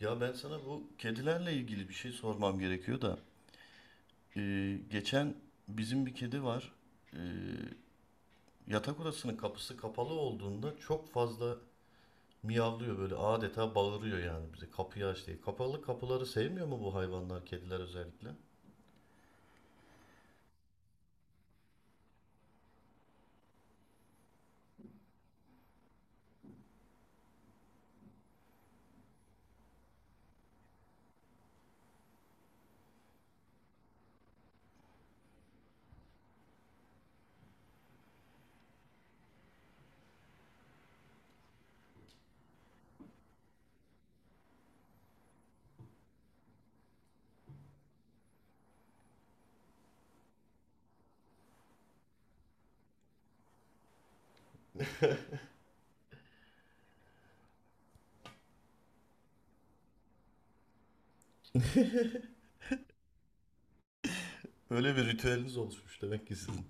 Ya ben sana bu kedilerle ilgili bir şey sormam gerekiyor da. Geçen bizim bir kedi var. Ee, Yatak odasının kapısı kapalı olduğunda çok fazla miyavlıyor, böyle adeta bağırıyor yani bize kapıyı aç diye. Kapalı kapıları sevmiyor mu bu hayvanlar, kediler özellikle? Öyle bir ritüeliniz oluşmuş demek ki sizin.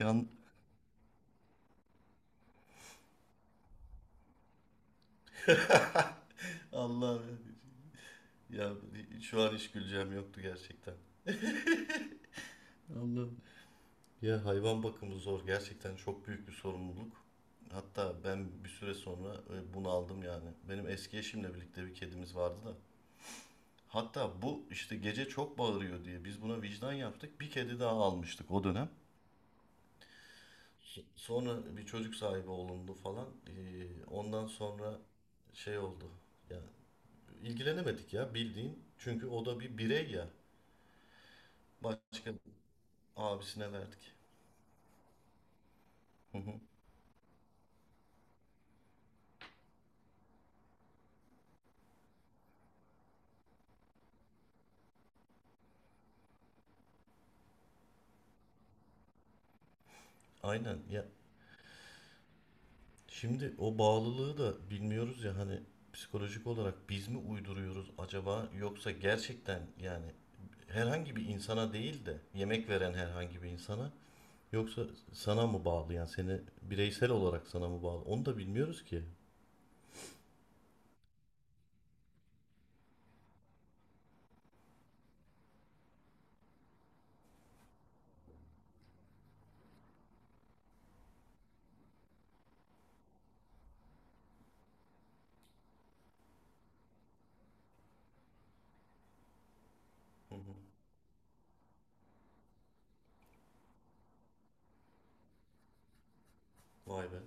Yan... Allah'ım ya, şu an hiç güleceğim yoktu gerçekten. Allah'ım. Ya, hayvan bakımı zor. Gerçekten çok büyük bir sorumluluk. Hatta ben bir süre sonra bunu aldım yani. Benim eski eşimle birlikte bir kedimiz vardı da. Hatta bu işte gece çok bağırıyor diye biz buna vicdan yaptık. Bir kedi daha almıştık o dönem. Sonra bir çocuk sahibi olundu falan. E, ondan sonra şey oldu. Ya, ilgilenemedik ya, bildiğin. Çünkü o da bir birey ya. Başka abisine verdik. Hı hı. Aynen ya, şimdi o bağlılığı da bilmiyoruz ya, hani psikolojik olarak biz mi uyduruyoruz acaba, yoksa gerçekten yani herhangi bir insana değil de yemek veren herhangi bir insana, yoksa sana mı bağlı, yani seni bireysel olarak sana mı bağlı, onu da bilmiyoruz ki. Vay be.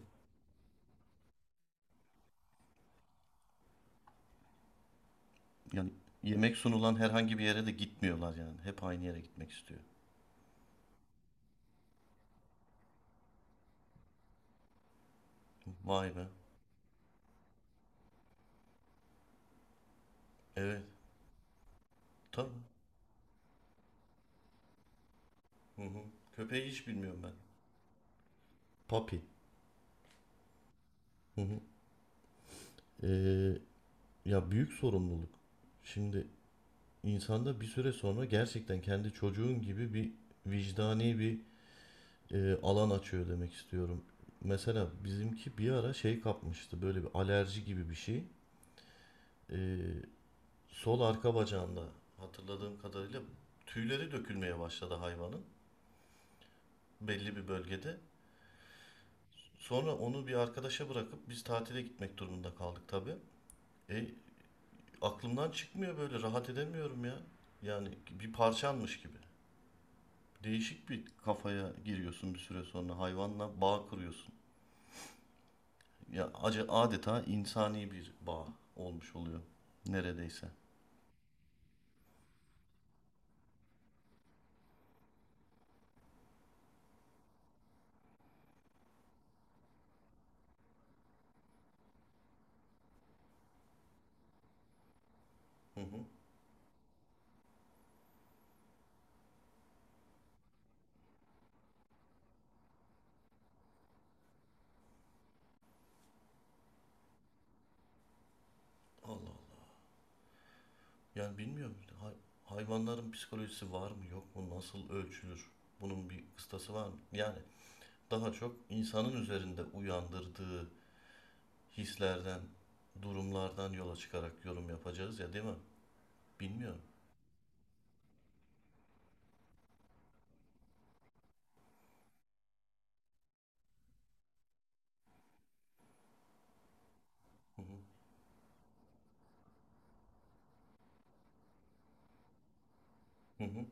Yani yemek sunulan herhangi bir yere de gitmiyorlar, yani hep aynı yere gitmek istiyor. Vay be. Evet, tabii. Hı hı. Köpeği hiç bilmiyorum ben. Papi. Hı hı. Ee, Ya, büyük sorumluluk. Şimdi insanda bir süre sonra gerçekten kendi çocuğun gibi bir vicdani bir alan açıyor demek istiyorum. Mesela bizimki bir ara şey kapmıştı, böyle bir alerji gibi bir şey. E, Sol arka bacağında, hatırladığım kadarıyla, tüyleri dökülmeye başladı hayvanın, belli bir bölgede. Sonra onu bir arkadaşa bırakıp biz tatile gitmek durumunda kaldık tabii. E, Aklımdan çıkmıyor böyle, rahat edemiyorum ya. Yani bir parçanmış gibi. Değişik bir kafaya giriyorsun bir süre sonra. Hayvanla bağ kuruyorsun. Ya, acı, adeta insani bir bağ olmuş oluyor neredeyse. Hı hı. Allah Allah. Yani bilmiyorum. İşte, hayvanların psikolojisi var mı yok mu? Nasıl ölçülür? Bunun bir kıstası var mı? Yani daha çok insanın üzerinde uyandırdığı hislerden, durumlardan yola çıkarak yorum yapacağız ya, değil mi? Bilmiyorum. Hı hı. Hı hı.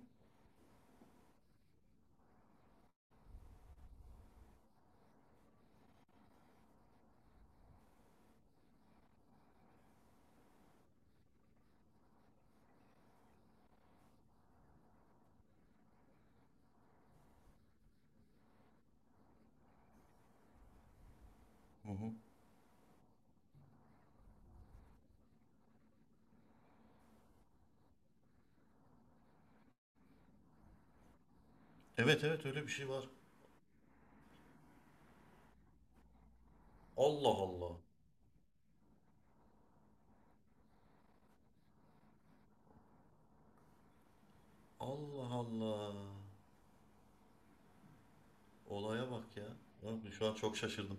Hı hı. Evet, evet, öyle bir şey var. Allah Allah. Allah Allah. Olaya bak ya. Abi şu an çok şaşırdım.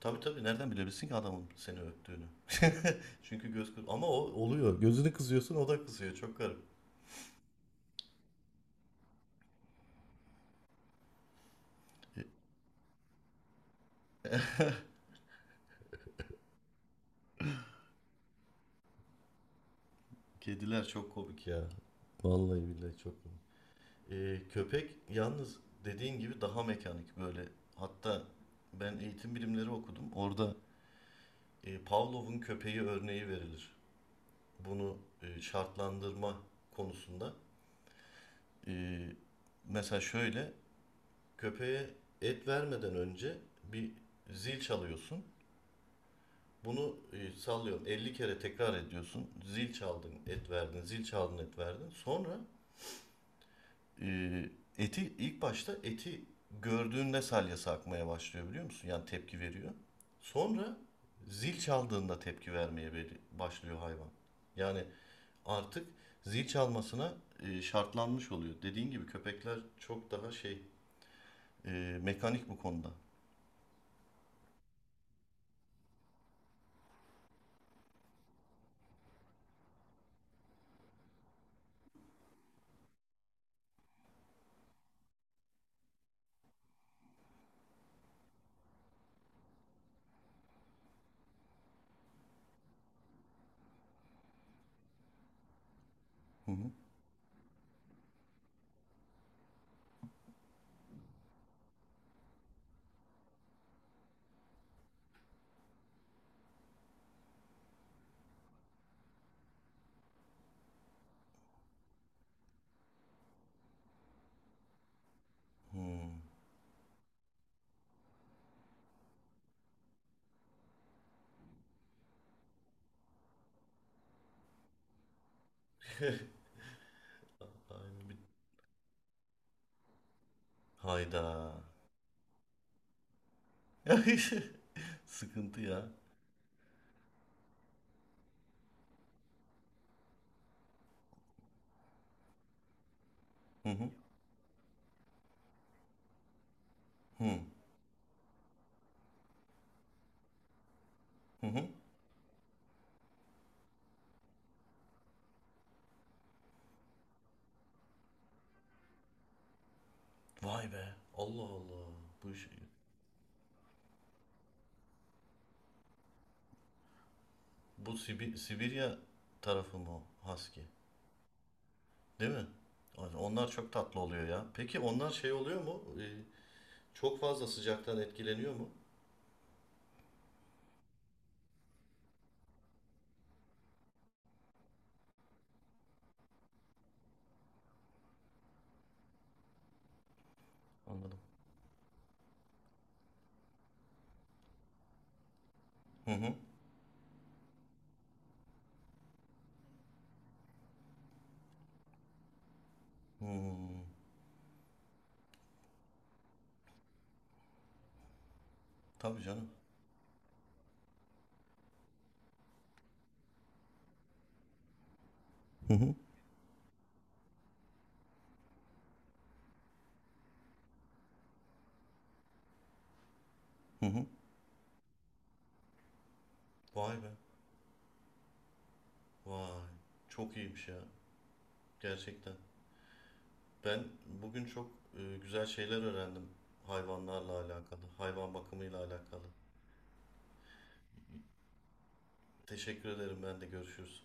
Tabii, tabii, nereden bilebilirsin ki adamın seni öptüğünü? Çünkü ama o oluyor. Gözünü kızıyorsun, o da kızıyor. Çok garip. Kediler çok komik ya. Vallahi billahi çok komik. Köpek yalnız, dediğin gibi, daha mekanik böyle. Hatta ben eğitim bilimleri okudum. Orada Pavlov'un köpeği örneği verilir. Bunu şartlandırma konusunda. E, Mesela şöyle, köpeğe et vermeden önce bir zil çalıyorsun. Bunu sallıyorum 50 kere tekrar ediyorsun. Zil çaldın, et verdin, zil çaldın, et verdin. Sonra e, eti, ilk başta eti gördüğünde salyası akmaya başlıyor, biliyor musun? Yani tepki veriyor. Sonra zil çaldığında tepki vermeye başlıyor hayvan. Yani artık zil çalmasına şartlanmış oluyor. Dediğin gibi köpekler çok daha şey, e, mekanik bu konuda. Hı hı. Hmm. Hayda. Sıkıntı ya. Hı hı. Hı. Hı hı. Vay be. Allah Allah. Bu şey, bu Sibirya tarafı mı o? Husky? Değil mi? Ay, onlar çok tatlı oluyor ya. Peki onlar şey oluyor mu? Çok fazla sıcaktan etkileniyor mu? Anladım. Hı hı. Hmm. Tabii canım. Hı hı. Hı hı. Vay be. Vay. Çok iyiymiş ya. Gerçekten. Ben bugün çok güzel şeyler öğrendim, hayvanlarla alakalı, hayvan bakımıyla alakalı. Teşekkür ederim ben de, görüşürüz.